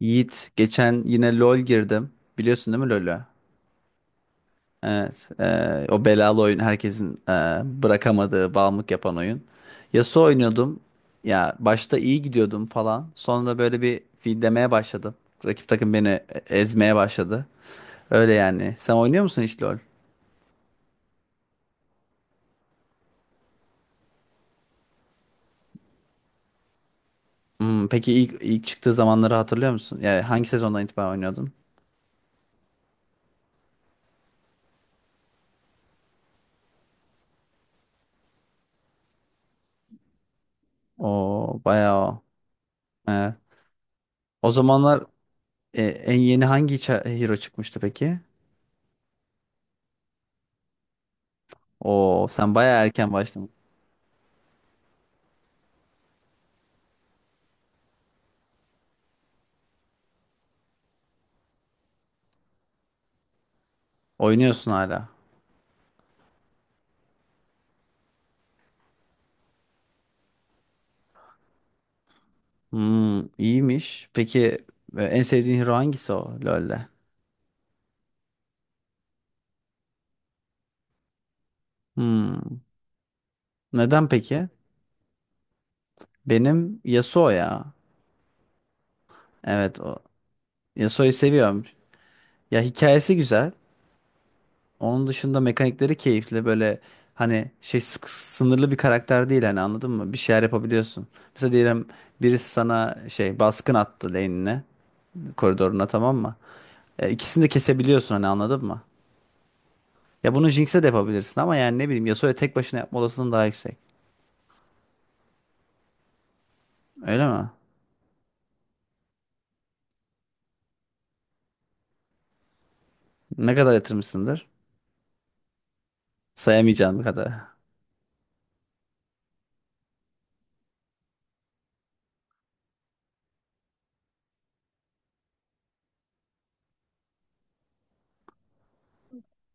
Yiğit geçen yine LoL girdim. Biliyorsun değil mi LoL'ü? Evet. O belalı oyun herkesin bırakamadığı, bağımlılık yapan oyun. Yasuo oynuyordum. Ya başta iyi gidiyordum falan. Sonra böyle bir feedlemeye başladım. Rakip takım beni ezmeye başladı. Öyle yani. Sen oynuyor musun hiç LoL? Hmm, peki ilk çıktığı zamanları hatırlıyor musun? Yani hangi sezondan itibaren oynuyordun? O bayağı o. Evet. O zamanlar en yeni hangi hero çıkmıştı peki? Oo, sen bayağı erken başladın. Oynuyorsun hala. Hmm, iyiymiş. Peki en sevdiğin hero hangisi o LoL'de? Hmm, neden peki? Benim Yasuo ya. Evet o. Yasuo'yu seviyorum. Ya hikayesi güzel. Onun dışında mekanikleri keyifli. Böyle hani şey sınırlı bir karakter değil hani anladın mı? Bir şeyler yapabiliyorsun. Mesela diyelim birisi sana şey baskın attı lane'ine, koridoruna tamam mı? İkisini de kesebiliyorsun hani anladın mı? Ya bunu Jinx'e de yapabilirsin ama yani ne bileyim Yasuo'ya tek başına yapma olasılığın daha yüksek. Öyle mi? Ne kadar yatırmışsındır? Sayamayacağım kadar.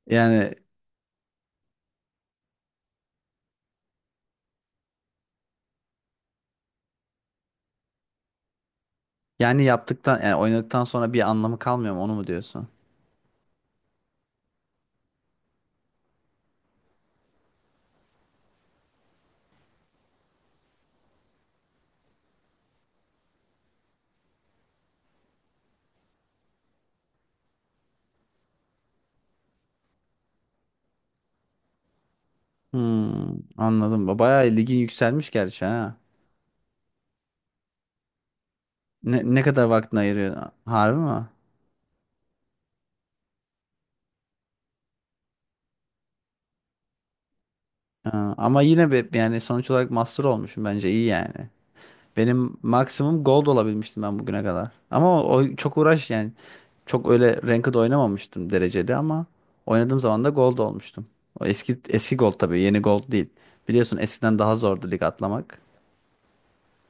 Yani yani yaptıktan yani oynadıktan sonra bir anlamı kalmıyor mu onu mu diyorsun? Hmm, anladım. Bayağı ligin yükselmiş gerçi ha. Ne kadar vaktini ayırıyor? Harbi mi? Ha, ama yine be, yani sonuç olarak master olmuşum bence iyi yani. Benim maksimum gold olabilmiştim ben bugüne kadar. Ama o çok uğraş yani. Çok öyle ranked oynamamıştım dereceli ama oynadığım zaman da gold olmuştum. O eski eski gold tabii, yeni gold değil. Biliyorsun eskiden daha zordu lig atlamak.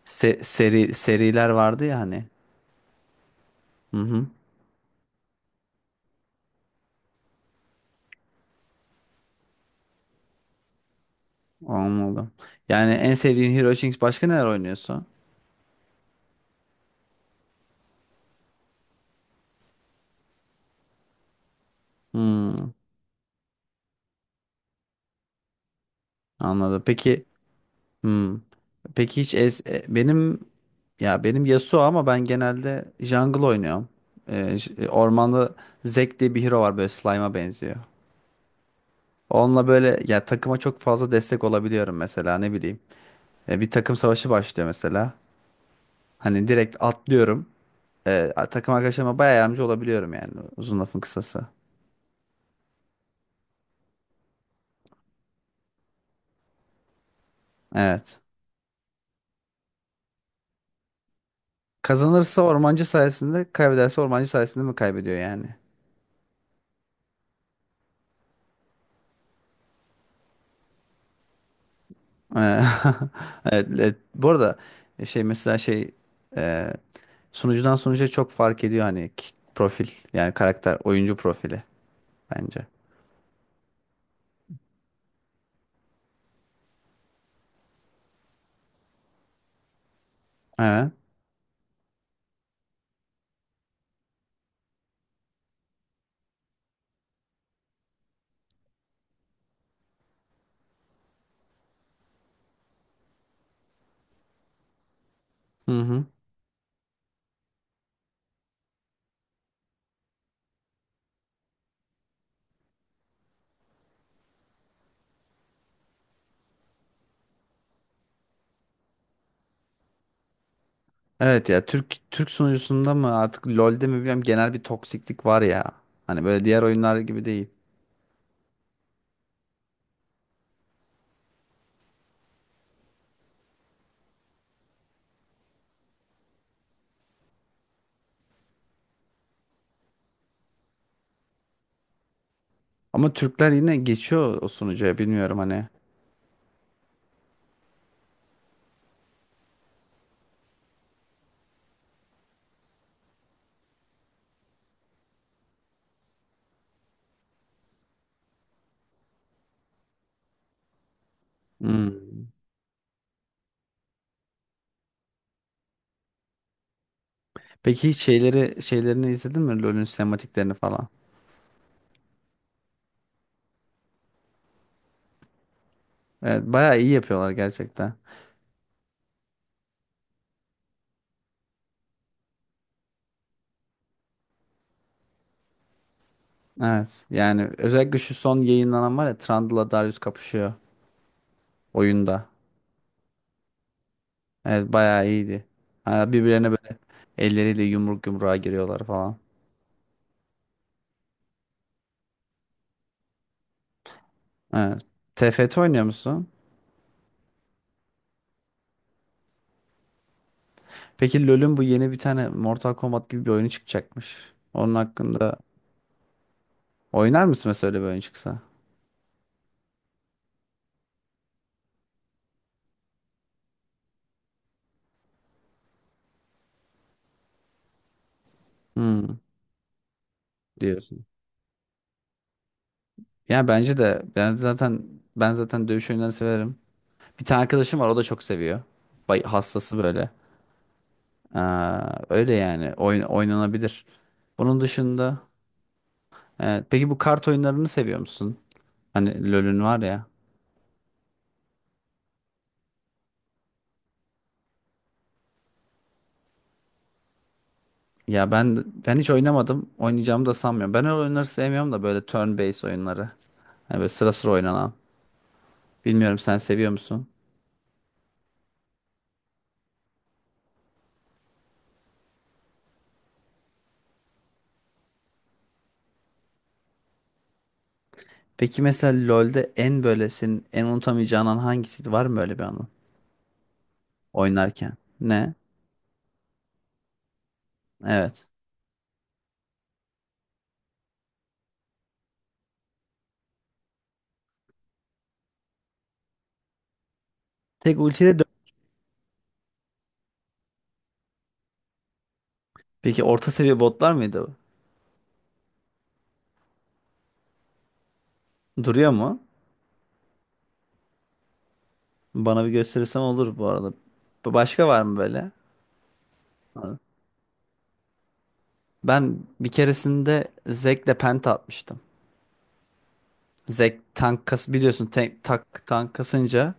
Seri seriler vardı ya hani. Hı hı. Anladım. Yani en sevdiğin Hero Jinx başka neler oynuyorsun? Hmm, anladım. Peki. Hmm. Peki hiç es e, benim, ya benim Yasuo ama ben genelde jungle oynuyorum. Ormanda Zek diye bir hero var böyle slime'a benziyor. Onunla böyle ya takıma çok fazla destek olabiliyorum mesela ne bileyim. Bir takım savaşı başlıyor mesela. Hani direkt atlıyorum. Takım arkadaşlarıma bayağı yardımcı olabiliyorum yani uzun lafın kısası. Evet. Kazanırsa ormancı sayesinde, kaybederse ormancı sayesinde mi kaybediyor yani? Eee, Evet, evet. Bu arada e, şey mesela şey eee, sunucudan sunucuya çok fark ediyor hani profil yani karakter oyuncu profili bence. Evet. Hı hı. Evet ya Türk sunucusunda mı artık LoL'de mi bilmiyorum genel bir toksiklik var ya. Hani böyle diğer oyunlar gibi değil. Ama Türkler yine geçiyor o sunucuya bilmiyorum hani. Hmm. Peki hiç şeyleri şeylerini izledin mi LoL'ün sinematiklerini falan? Evet bayağı iyi yapıyorlar gerçekten. Evet yani özellikle şu son yayınlanan var ya Trundle'la Darius kapışıyor oyunda. Evet bayağı iyiydi. Hani birbirlerine böyle elleriyle yumruk yumruğa giriyorlar falan. Evet. TFT oynuyor musun? Peki LoL'ün bu yeni bir tane Mortal Kombat gibi bir oyunu çıkacakmış. Onun hakkında oynar mısın mesela öyle bir oyun çıksa? Hmm, diyorsun. Ya bence de ben zaten dövüş oyunlarını severim. Bir tane arkadaşım var o da çok seviyor. Hastası böyle. Aa, öyle yani oyun oynanabilir. Bunun dışında peki bu kart oyunlarını seviyor musun? Hani LoL'ün var ya. Ya ben hiç oynamadım. Oynayacağımı da sanmıyorum. Ben öyle oyunları sevmiyorum da böyle turn-based oyunları. Hani böyle sıra sıra oynanan. Bilmiyorum sen seviyor musun? Peki mesela LoL'de en böyle senin en unutamayacağın an hangisiydi? Var mı öyle bir anı? Oynarken. Ne? Evet. Tek ultiyle peki orta seviye botlar mıydı? Bu? Duruyor mu? Bana bir gösterirsen olur bu arada. Başka var mı böyle? Ben bir keresinde Zek'le penta atmıştım. Zek tank kas biliyorsun tank kasınca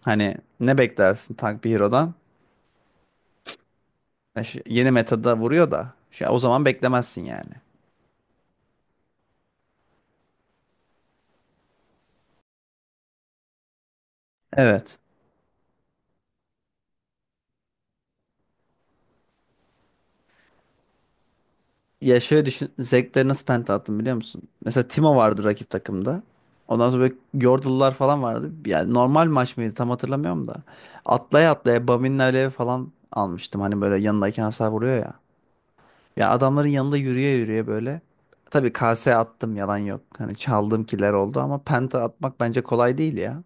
hani ne beklersin tank bir hero'dan? Ya yeni metada vuruyor da şu, o zaman beklemezsin yani. Evet. Ya şöyle düşün Zek'le nasıl penta attım biliyor musun? Mesela Timo vardı rakip takımda. Ondan sonra böyle Yordle'lar falan vardı. Yani normal maç mıydı tam hatırlamıyorum da. Atlaya atlaya Bamin'le alev falan almıştım. Hani böyle yanındaki hasar vuruyor ya. Ya adamların yanında yürüye yürüye böyle. Tabii kase attım yalan yok. Hani çaldığım kiler oldu ama penta atmak bence kolay değil ya.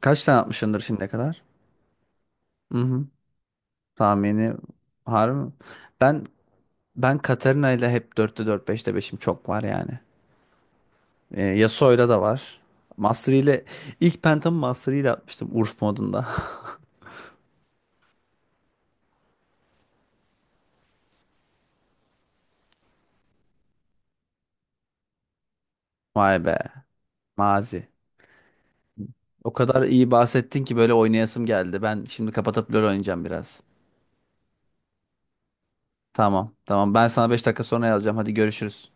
Kaç tane atmışsındır şimdiye kadar? Hı hı. Tahmini harbi mi? Ben Ben Katarina ile hep 4'te 4 5'te 5'im çok var yani. Yasuo'yla da var. Master ile ilk pentamı Master ile atmıştım Urf modunda. Vay be. Mazi. O kadar iyi bahsettin ki böyle oynayasım geldi. Ben şimdi kapatıp LoL oynayacağım biraz. Tamam, tamam. Ben sana 5 dakika sonra yazacağım. Hadi görüşürüz.